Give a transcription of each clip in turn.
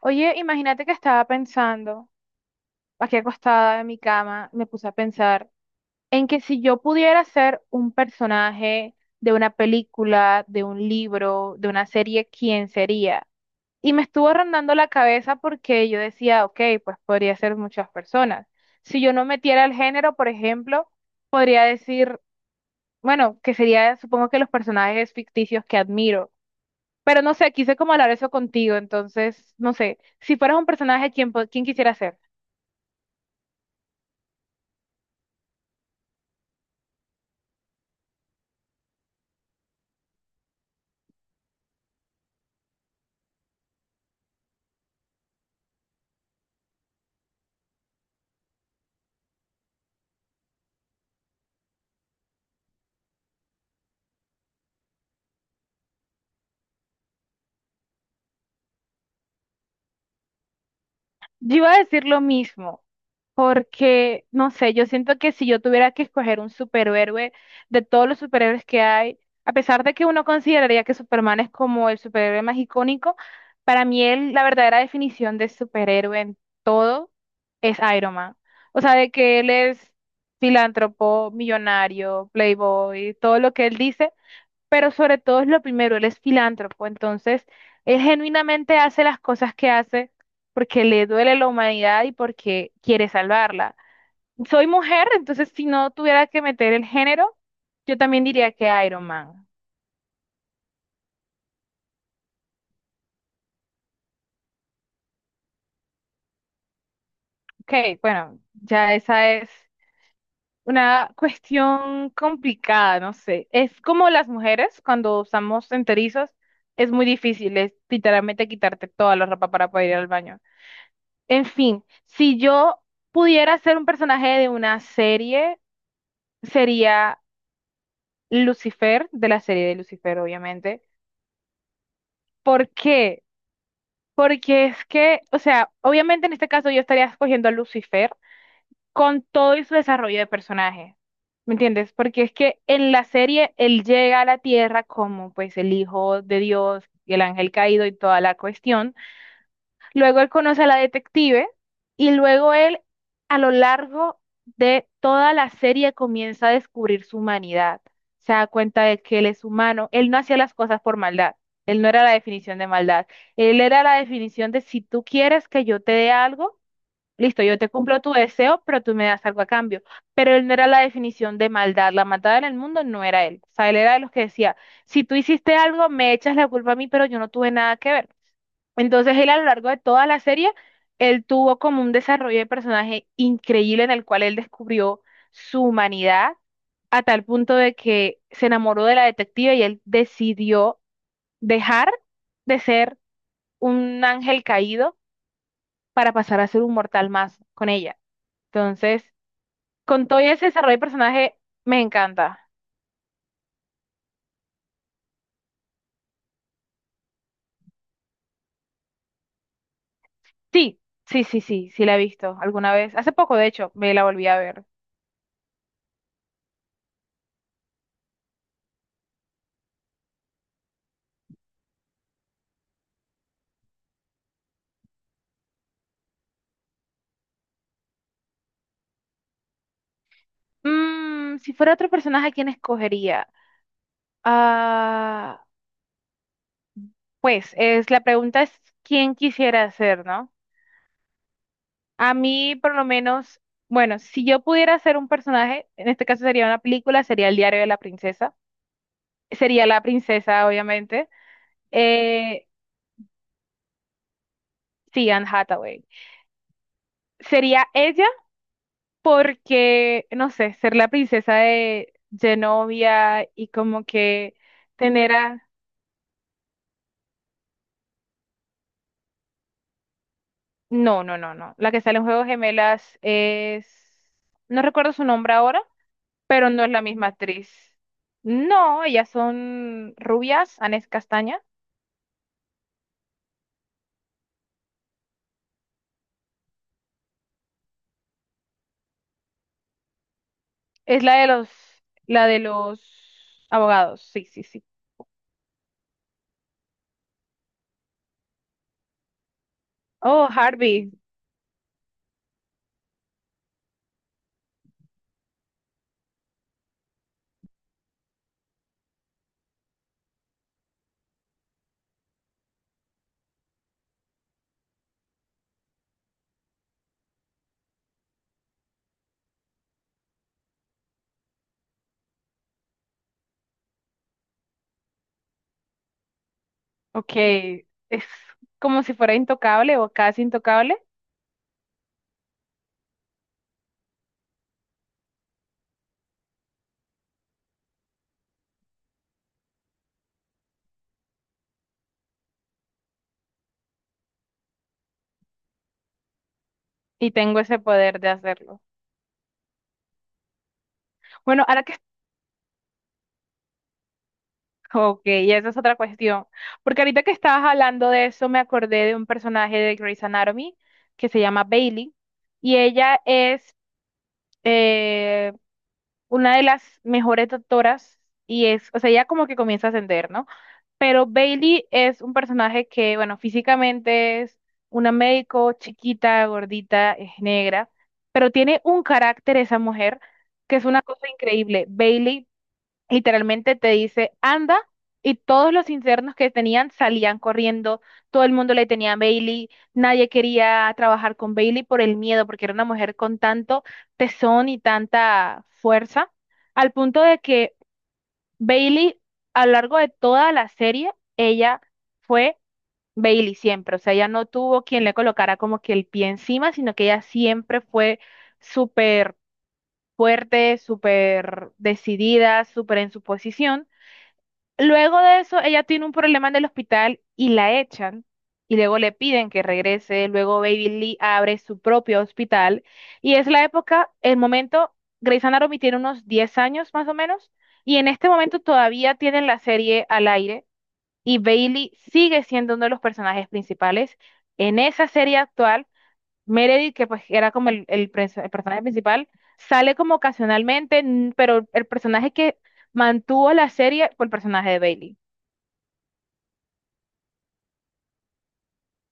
Oye, imagínate que estaba pensando, aquí acostada en mi cama, me puse a pensar en que si yo pudiera ser un personaje de una película, de un libro, de una serie, ¿quién sería? Y me estuvo rondando la cabeza porque yo decía, ok, pues podría ser muchas personas. Si yo no metiera el género, por ejemplo, podría decir, bueno, que sería, supongo que los personajes ficticios que admiro. Pero no sé, quise como hablar eso contigo, entonces, no sé, si fueras un personaje, ¿quién, quién quisiera ser? Yo iba a decir lo mismo, porque, no sé, yo siento que si yo tuviera que escoger un superhéroe de todos los superhéroes que hay, a pesar de que uno consideraría que Superman es como el superhéroe más icónico, para mí él, la verdadera definición de superhéroe en todo es Iron Man. O sea, de que él es filántropo, millonario, playboy, todo lo que él dice, pero sobre todo es lo primero, él es filántropo, entonces él genuinamente hace las cosas que hace porque le duele la humanidad y porque quiere salvarla. Soy mujer, entonces si no tuviera que meter el género, yo también diría que Iron Man. Ok, bueno, ya esa es una cuestión complicada, no sé. Es como las mujeres cuando usamos enterizos, es muy difícil, es literalmente quitarte toda la ropa para poder ir al baño. En fin, si yo pudiera ser un personaje de una serie, sería Lucifer, de la serie de Lucifer, obviamente. ¿Por qué? Porque es que, o sea, obviamente en este caso yo estaría escogiendo a Lucifer con todo y su desarrollo de personaje. ¿Me entiendes? Porque es que en la serie él llega a la tierra como pues el hijo de Dios y el ángel caído y toda la cuestión. Luego él conoce a la detective y luego él a lo largo de toda la serie comienza a descubrir su humanidad. Se da cuenta de que él es humano. Él no hacía las cosas por maldad. Él no era la definición de maldad. Él era la definición de si tú quieres que yo te dé algo, listo, yo te cumplo tu deseo, pero tú me das algo a cambio. Pero él no era la definición de maldad. La maldad en el mundo no era él. O sea, él era de los que decía, si tú hiciste algo, me echas la culpa a mí, pero yo no tuve nada que ver. Entonces él a lo largo de toda la serie, él tuvo como un desarrollo de personaje increíble en el cual él descubrió su humanidad a tal punto de que se enamoró de la detective y él decidió dejar de ser un ángel caído para pasar a ser un mortal más con ella. Entonces, con todo ese desarrollo de personaje, me encanta. Sí, sí, sí, sí, sí la he visto alguna vez. Hace poco, de hecho, me la volví a ver. Mm, si fuera otro personaje, ¿a quién escogería? Ah, pues, es, la pregunta es quién quisiera ser, ¿no? A mí, por lo menos, bueno, si yo pudiera ser un personaje, en este caso sería una película, sería El diario de la princesa. Sería la princesa, obviamente. Eh, sí, Anne Hathaway. Sería ella porque, no sé, ser la princesa de Genovia y como que tener a... No, no, no, no. La que sale en Juegos Gemelas es... No recuerdo su nombre ahora, pero no es la misma actriz. No, ellas son rubias, Anés Castaña. Es la de los... La de los abogados, sí, sí, sí. Oh, Harvey, ok. Es como si fuera intocable o casi intocable y tengo ese poder de hacerlo. Bueno, ahora que ok, y esa es otra cuestión. Porque ahorita que estabas hablando de eso, me acordé de un personaje de Grey's Anatomy que se llama Bailey. Y ella es eh, una de las mejores doctoras. Y es, o sea, ella como que comienza a ascender, ¿no? Pero Bailey es un personaje que, bueno, físicamente es una médico chiquita, gordita, es negra. Pero tiene un carácter esa mujer que es una cosa increíble. Bailey literalmente te dice, anda, y todos los internos que tenían salían corriendo, todo el mundo le tenía a Bailey, nadie quería trabajar con Bailey por el miedo, porque era una mujer con tanto tesón y tanta fuerza, al punto de que Bailey, a lo largo de toda la serie, ella fue Bailey siempre, o sea, ella no tuvo quien le colocara como que el pie encima, sino que ella siempre fue súper fuerte, súper decidida, súper en su posición. Luego de eso, ella tiene un problema en el hospital y la echan. Y luego le piden que regrese. Luego Baby Lee abre su propio hospital. Y es la época, el momento, Grey's Anatomy tiene unos 10 años más o menos. Y en este momento todavía tienen la serie al aire. Y Bailey sigue siendo uno de los personajes principales. En esa serie actual, Meredith, que pues era como el el personaje principal, sale como ocasionalmente, pero el personaje que mantuvo la serie fue el personaje de Bailey.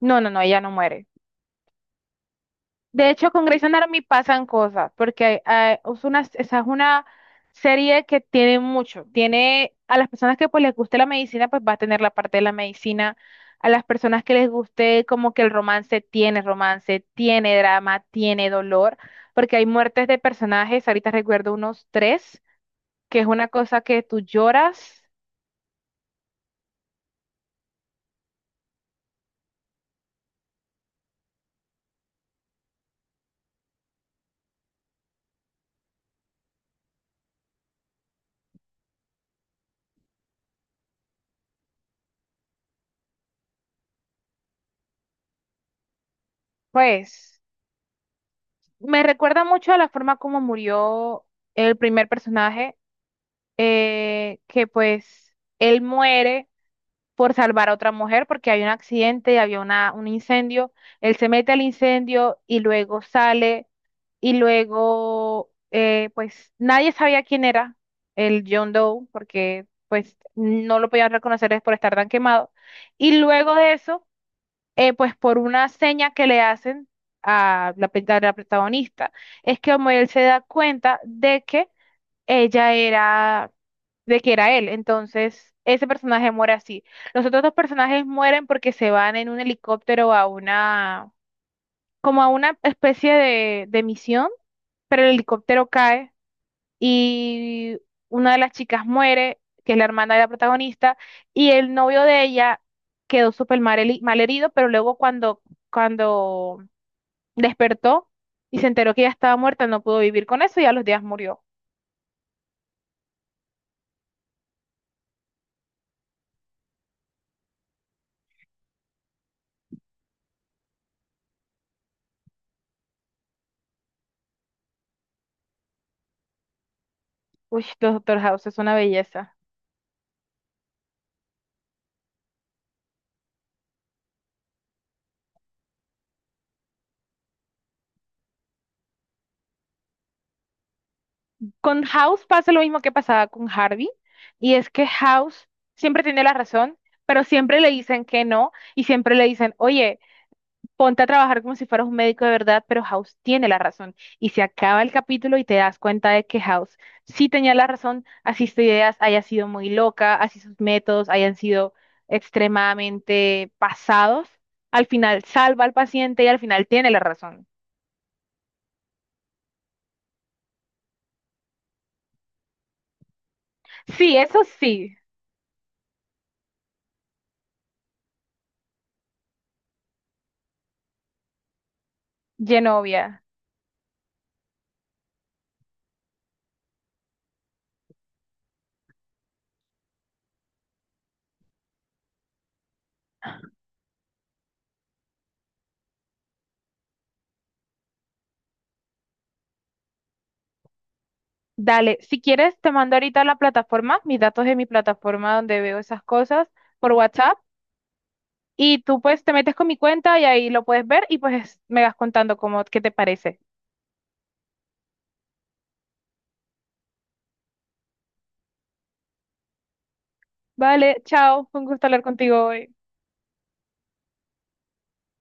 No, no, no, ella no muere. De hecho, con Grey's Anatomy pasan cosas, porque es una, esa es una serie que tiene mucho. Tiene a las personas que pues les guste la medicina, pues va a tener la parte de la medicina. A las personas que les guste como que el romance, tiene drama, tiene dolor, porque hay muertes de personajes. Ahorita recuerdo unos tres, que es una cosa que tú lloras, pues me recuerda mucho a la forma como murió el primer personaje que pues él muere por salvar a otra mujer porque hay un accidente, había una, un incendio. Él se mete al incendio y luego sale y luego pues nadie sabía quién era el John Doe porque pues no lo podían reconocer es por estar tan quemado. Y luego de eso, pues por una seña que le hacen a la, a la protagonista, es que como él se da cuenta de que ella era de que era él. Entonces, ese personaje muere así. Los otros dos personajes mueren porque se van en un helicóptero a una, como a una especie de misión, pero el helicóptero cae y una de las chicas muere, que es la hermana de la protagonista, y el novio de ella quedó súper mal, mal herido, pero luego cuando, cuando despertó y se enteró que ella estaba muerta, no pudo vivir con eso y a los días murió. Uy, los Doctor House es una belleza. Con House pasa lo mismo que pasaba con Harvey, y es que House siempre tiene la razón, pero siempre le dicen que no, y siempre le dicen, oye, ponte a trabajar como si fueras un médico de verdad, pero House tiene la razón. Y se acaba el capítulo y te das cuenta de que House sí tenía la razón, así sus ideas haya sido muy loca, así sus métodos hayan sido extremadamente pasados, al final salva al paciente y al final tiene la razón. Sí, eso sí, Genovia. Dale, si quieres, te mando ahorita la plataforma, mis datos de mi plataforma donde veo esas cosas por WhatsApp y tú pues te metes con mi cuenta y ahí lo puedes ver y pues me vas contando cómo, qué te parece. Vale, chao, fue un gusto hablar contigo hoy.